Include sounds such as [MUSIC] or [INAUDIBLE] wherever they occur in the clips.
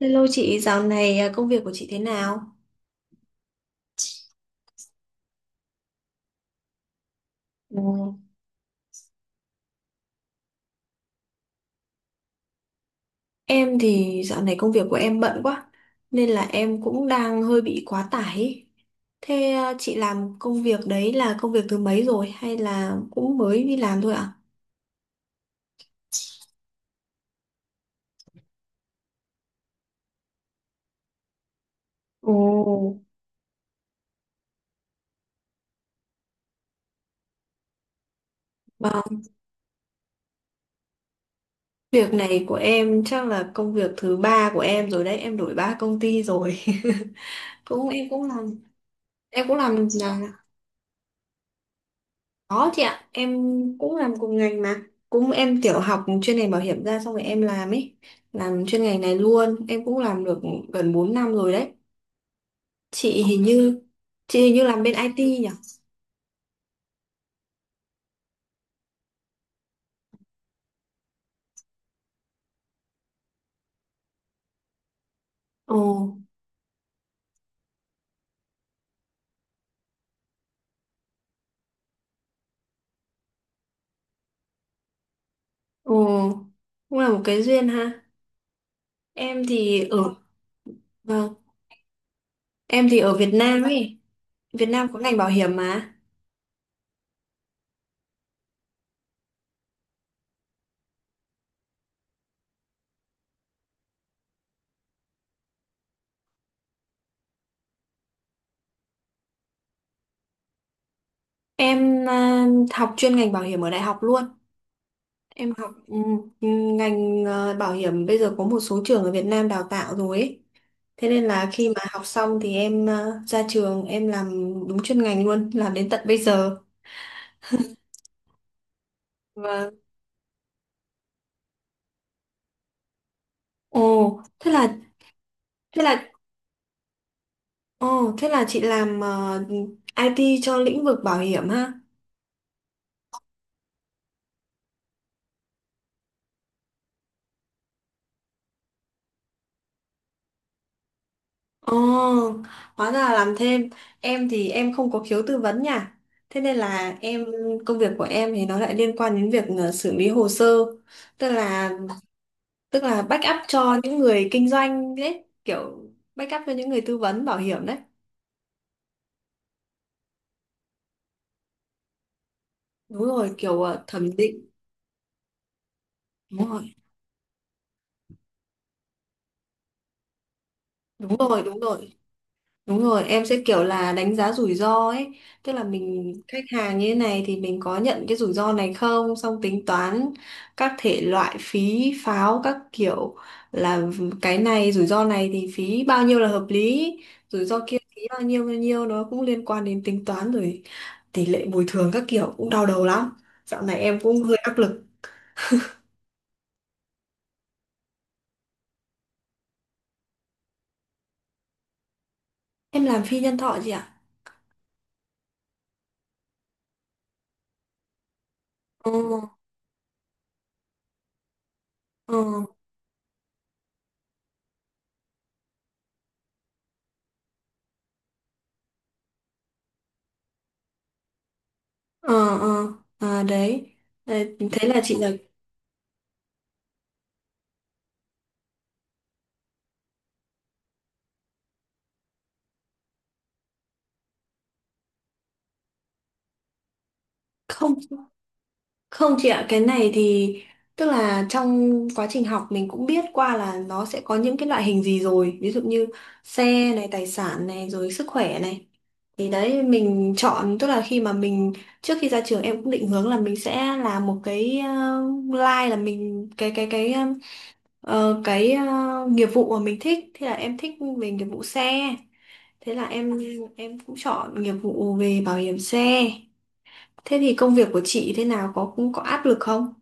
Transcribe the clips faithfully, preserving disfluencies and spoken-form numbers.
Hello chị, dạo này à, công việc của chị thế nào? Ừ. Em thì dạo này công việc của em bận quá, nên là em cũng đang hơi bị quá tải. Ý. Thế à, chị làm công việc đấy là công việc thứ mấy rồi hay là cũng mới đi làm thôi ạ? Ồ. Ờ, Việc này của em chắc là công việc thứ ba của em rồi đấy, em đổi ba công ty rồi. [LAUGHS] Cũng em cũng làm em cũng làm Có chị ạ, em cũng làm cùng ngành mà. Cũng em tiểu học chuyên ngành bảo hiểm ra xong rồi em làm ấy. Làm chuyên ngành này luôn, em cũng làm được gần bốn năm rồi đấy. Chị hình như chị hình như làm bên i tê nhỉ? Ồ, ồ, cũng là một cái duyên ha. Em thì ở vâng, em thì ở Việt Nam ấy. Việt Nam có ngành bảo hiểm mà. Em à, học chuyên ngành bảo hiểm ở đại học luôn. Em học, ừ, ngành, ờ, bảo hiểm bây giờ có một số trường ở Việt Nam đào tạo rồi ấy. Thế nên là khi mà học xong thì em, ờ, ra trường em làm đúng chuyên ngành luôn, làm đến tận bây giờ. Vâng. Ồ, thế là thế là ồ, thế là chị làm, ờ, i tê cho lĩnh vực bảo hiểm ha. Ồ, hóa ra là làm thêm. Em thì em không có khiếu tư vấn nha. Thế nên là em công việc của em thì nó lại liên quan đến việc, ờ, xử lý hồ sơ. Tức là tức là backup cho những người kinh doanh đấy, kiểu backup cho những người tư vấn bảo hiểm đấy. Đúng rồi, kiểu ờ, thẩm định. Đúng rồi, đúng rồi. Đúng rồi, đúng rồi em sẽ kiểu là đánh giá rủi ro ấy, tức là mình khách hàng như thế này thì mình có nhận cái rủi ro này không, xong tính toán các thể loại phí pháo các kiểu, là cái này rủi ro này thì phí bao nhiêu là hợp lý, rủi ro kia phí bao nhiêu bao nhiêu, nó cũng liên quan đến tính toán rồi tỷ lệ bồi thường các kiểu, cũng đau đầu lắm. Dạo này em cũng hơi áp lực. Em làm phi nhân thọ chị ạ. Ừ, ừ, ờ, ờ. À, đấy. Đấy, thế là chị là. Không, không chị ạ, cái này thì tức là trong quá trình học mình cũng biết qua là nó sẽ có những cái loại hình gì rồi, ví dụ như xe này, tài sản này, rồi sức khỏe này, thì đấy mình chọn, tức là khi mà mình trước khi ra trường em cũng định hướng là mình sẽ làm một cái, uh, line là mình cái cái cái Ờ, cái ờ, nghiệp vụ mà mình thích, thì là em thích về nghiệp vụ xe, thế là em em cũng chọn nghiệp vụ về bảo hiểm xe. Thế thì công việc của chị thế nào, có cũng có áp lực không?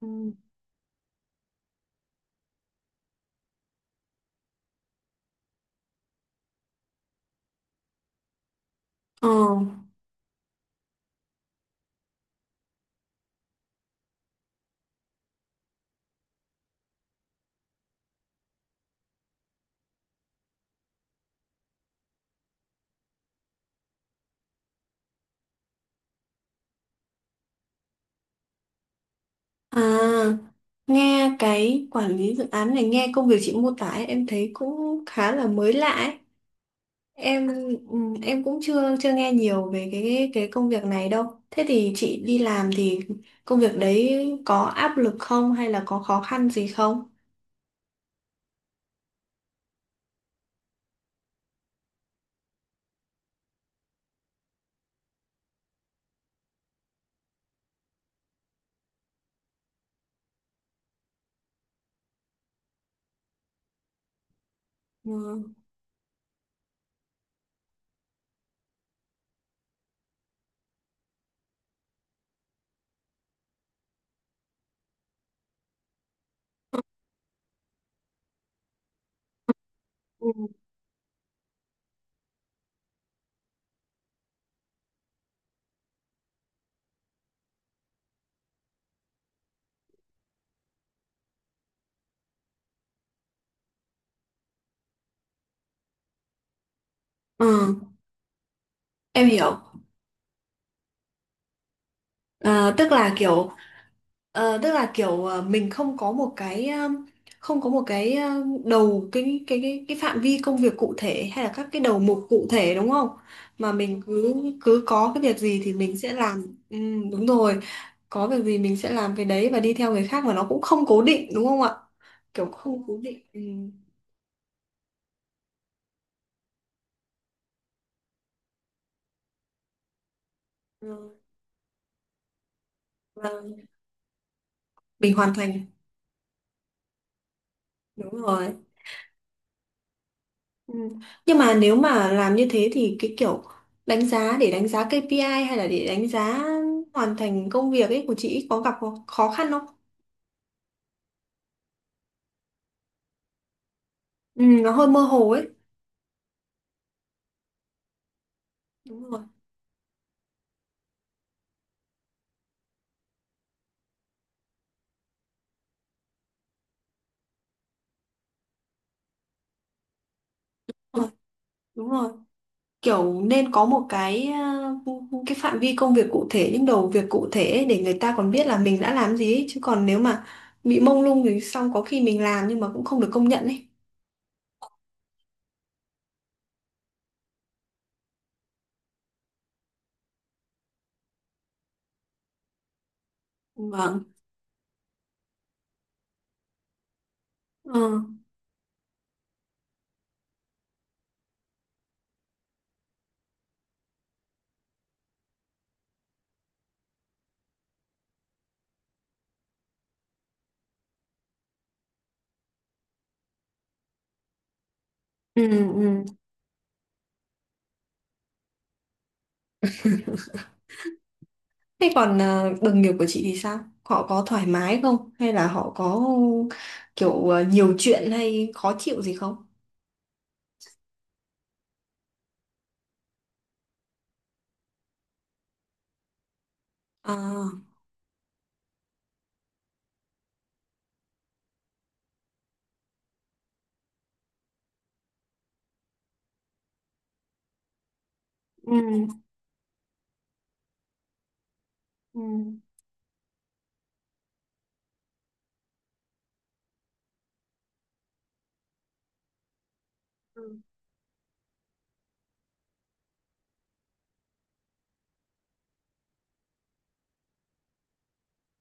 Ừ. ờ à nghe cái quản lý dự án này, nghe công việc chị mô tả ấy, em thấy cũng khá là mới lạ ấy. Em, ừ, em cũng chưa chưa nghe nhiều về cái cái công việc này đâu. Thế thì chị đi làm thì công việc đấy có áp lực không hay là có khó khăn gì không? Ừ. Ừ, ừ, em hiểu. À, tức là kiểu ờ, tức là kiểu ờ, mình không có một cái, ờ, không có một cái ờ, đầu cái cái cái cái phạm vi công việc cụ thể hay là các cái đầu mục cụ thể đúng không? Mà mình cứ cứ có cái việc gì thì mình sẽ làm. Ừ, đúng rồi, có việc gì mình sẽ làm cái đấy và đi theo người khác, mà nó cũng không cố định đúng không ạ? Kiểu không cố định. Ừ. Ừ. Và. Mình hoàn thành. Đúng rồi. Ừ. Nhưng mà nếu mà làm như thế thì cái kiểu đánh giá, để đánh giá kây pi ai hay là để đánh giá hoàn thành công việc ấy của chị, có gặp khó khó khăn không? Ừ, nó hơi mơ hồ ấy. Đúng rồi. Đúng rồi. Đúng rồi. Kiểu nên có một cái ờ, cái phạm vi công việc cụ thể, những đầu việc cụ thể ấy, để người ta còn biết là mình đã làm gì ấy. Chứ còn nếu mà bị mông lung thì xong có khi mình làm nhưng mà cũng không được công nhận ấy. Vâng. Ờ. Ừ. Ừ. Thế còn, ờ, đồng nghiệp của chị thì sao? Họ có thoải mái không? Hay là họ có kiểu, ờ, nhiều chuyện hay khó chịu gì không? À. Ừ. Ừ.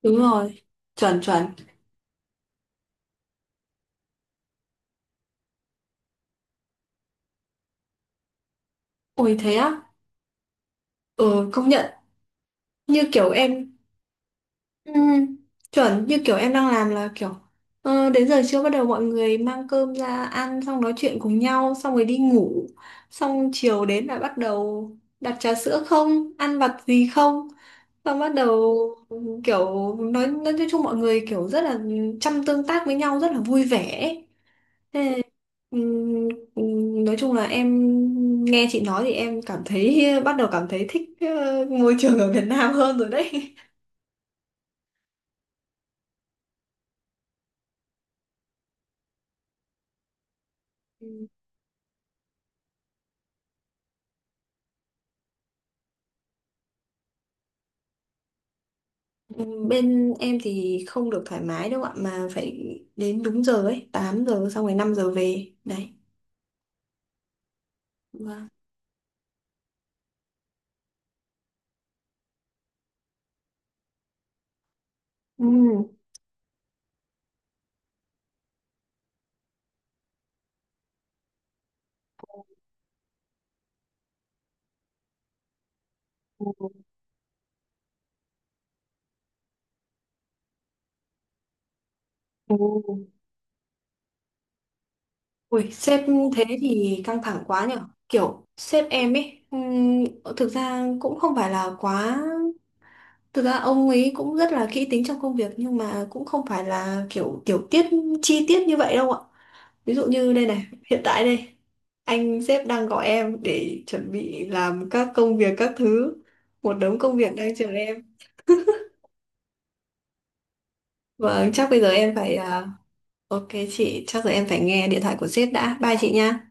Đúng rồi. Chuẩn, chuẩn. Ôi thế á? Ừ, công nhận. Như kiểu em Ừ, chuẩn như kiểu em đang làm là kiểu, ờ, đến giờ trưa bắt đầu mọi người mang cơm ra ăn xong nói chuyện cùng nhau xong rồi đi ngủ, xong chiều đến là bắt đầu đặt trà sữa không, ăn vặt gì không, xong bắt đầu, kiểu nói nói chung mọi người kiểu rất là chăm tương tác với nhau, rất là vui vẻ ấy. Ừm, ừm, nói chung là em nghe chị nói thì em cảm thấy bắt đầu cảm thấy thích, ờ, môi trường ở Việt Nam hơn rồi đấy. [LAUGHS] Ừm, Bên em thì không được thoải mái đâu ạ, mà phải đến đúng giờ ấy, tám giờ xong rồi năm giờ về. Đấy. Vâng. Ừ. Ừ. Ừ. Ui, sếp thế thì căng thẳng quá nhở. Kiểu sếp em ấy, ừm, thực ra cũng không phải là quá. Thực ra ông ấy cũng rất là kỹ tính trong công việc, nhưng mà cũng không phải là kiểu tiểu tiết chi tiết như vậy đâu ạ. Ví dụ như đây này, hiện tại đây, anh sếp đang gọi em để chuẩn bị làm các công việc các thứ. Một đống công việc đang chờ em. Vâng, chắc bây giờ em phải. à, Ok chị, chắc giờ em phải nghe điện thoại của sếp đã. Bye chị nha.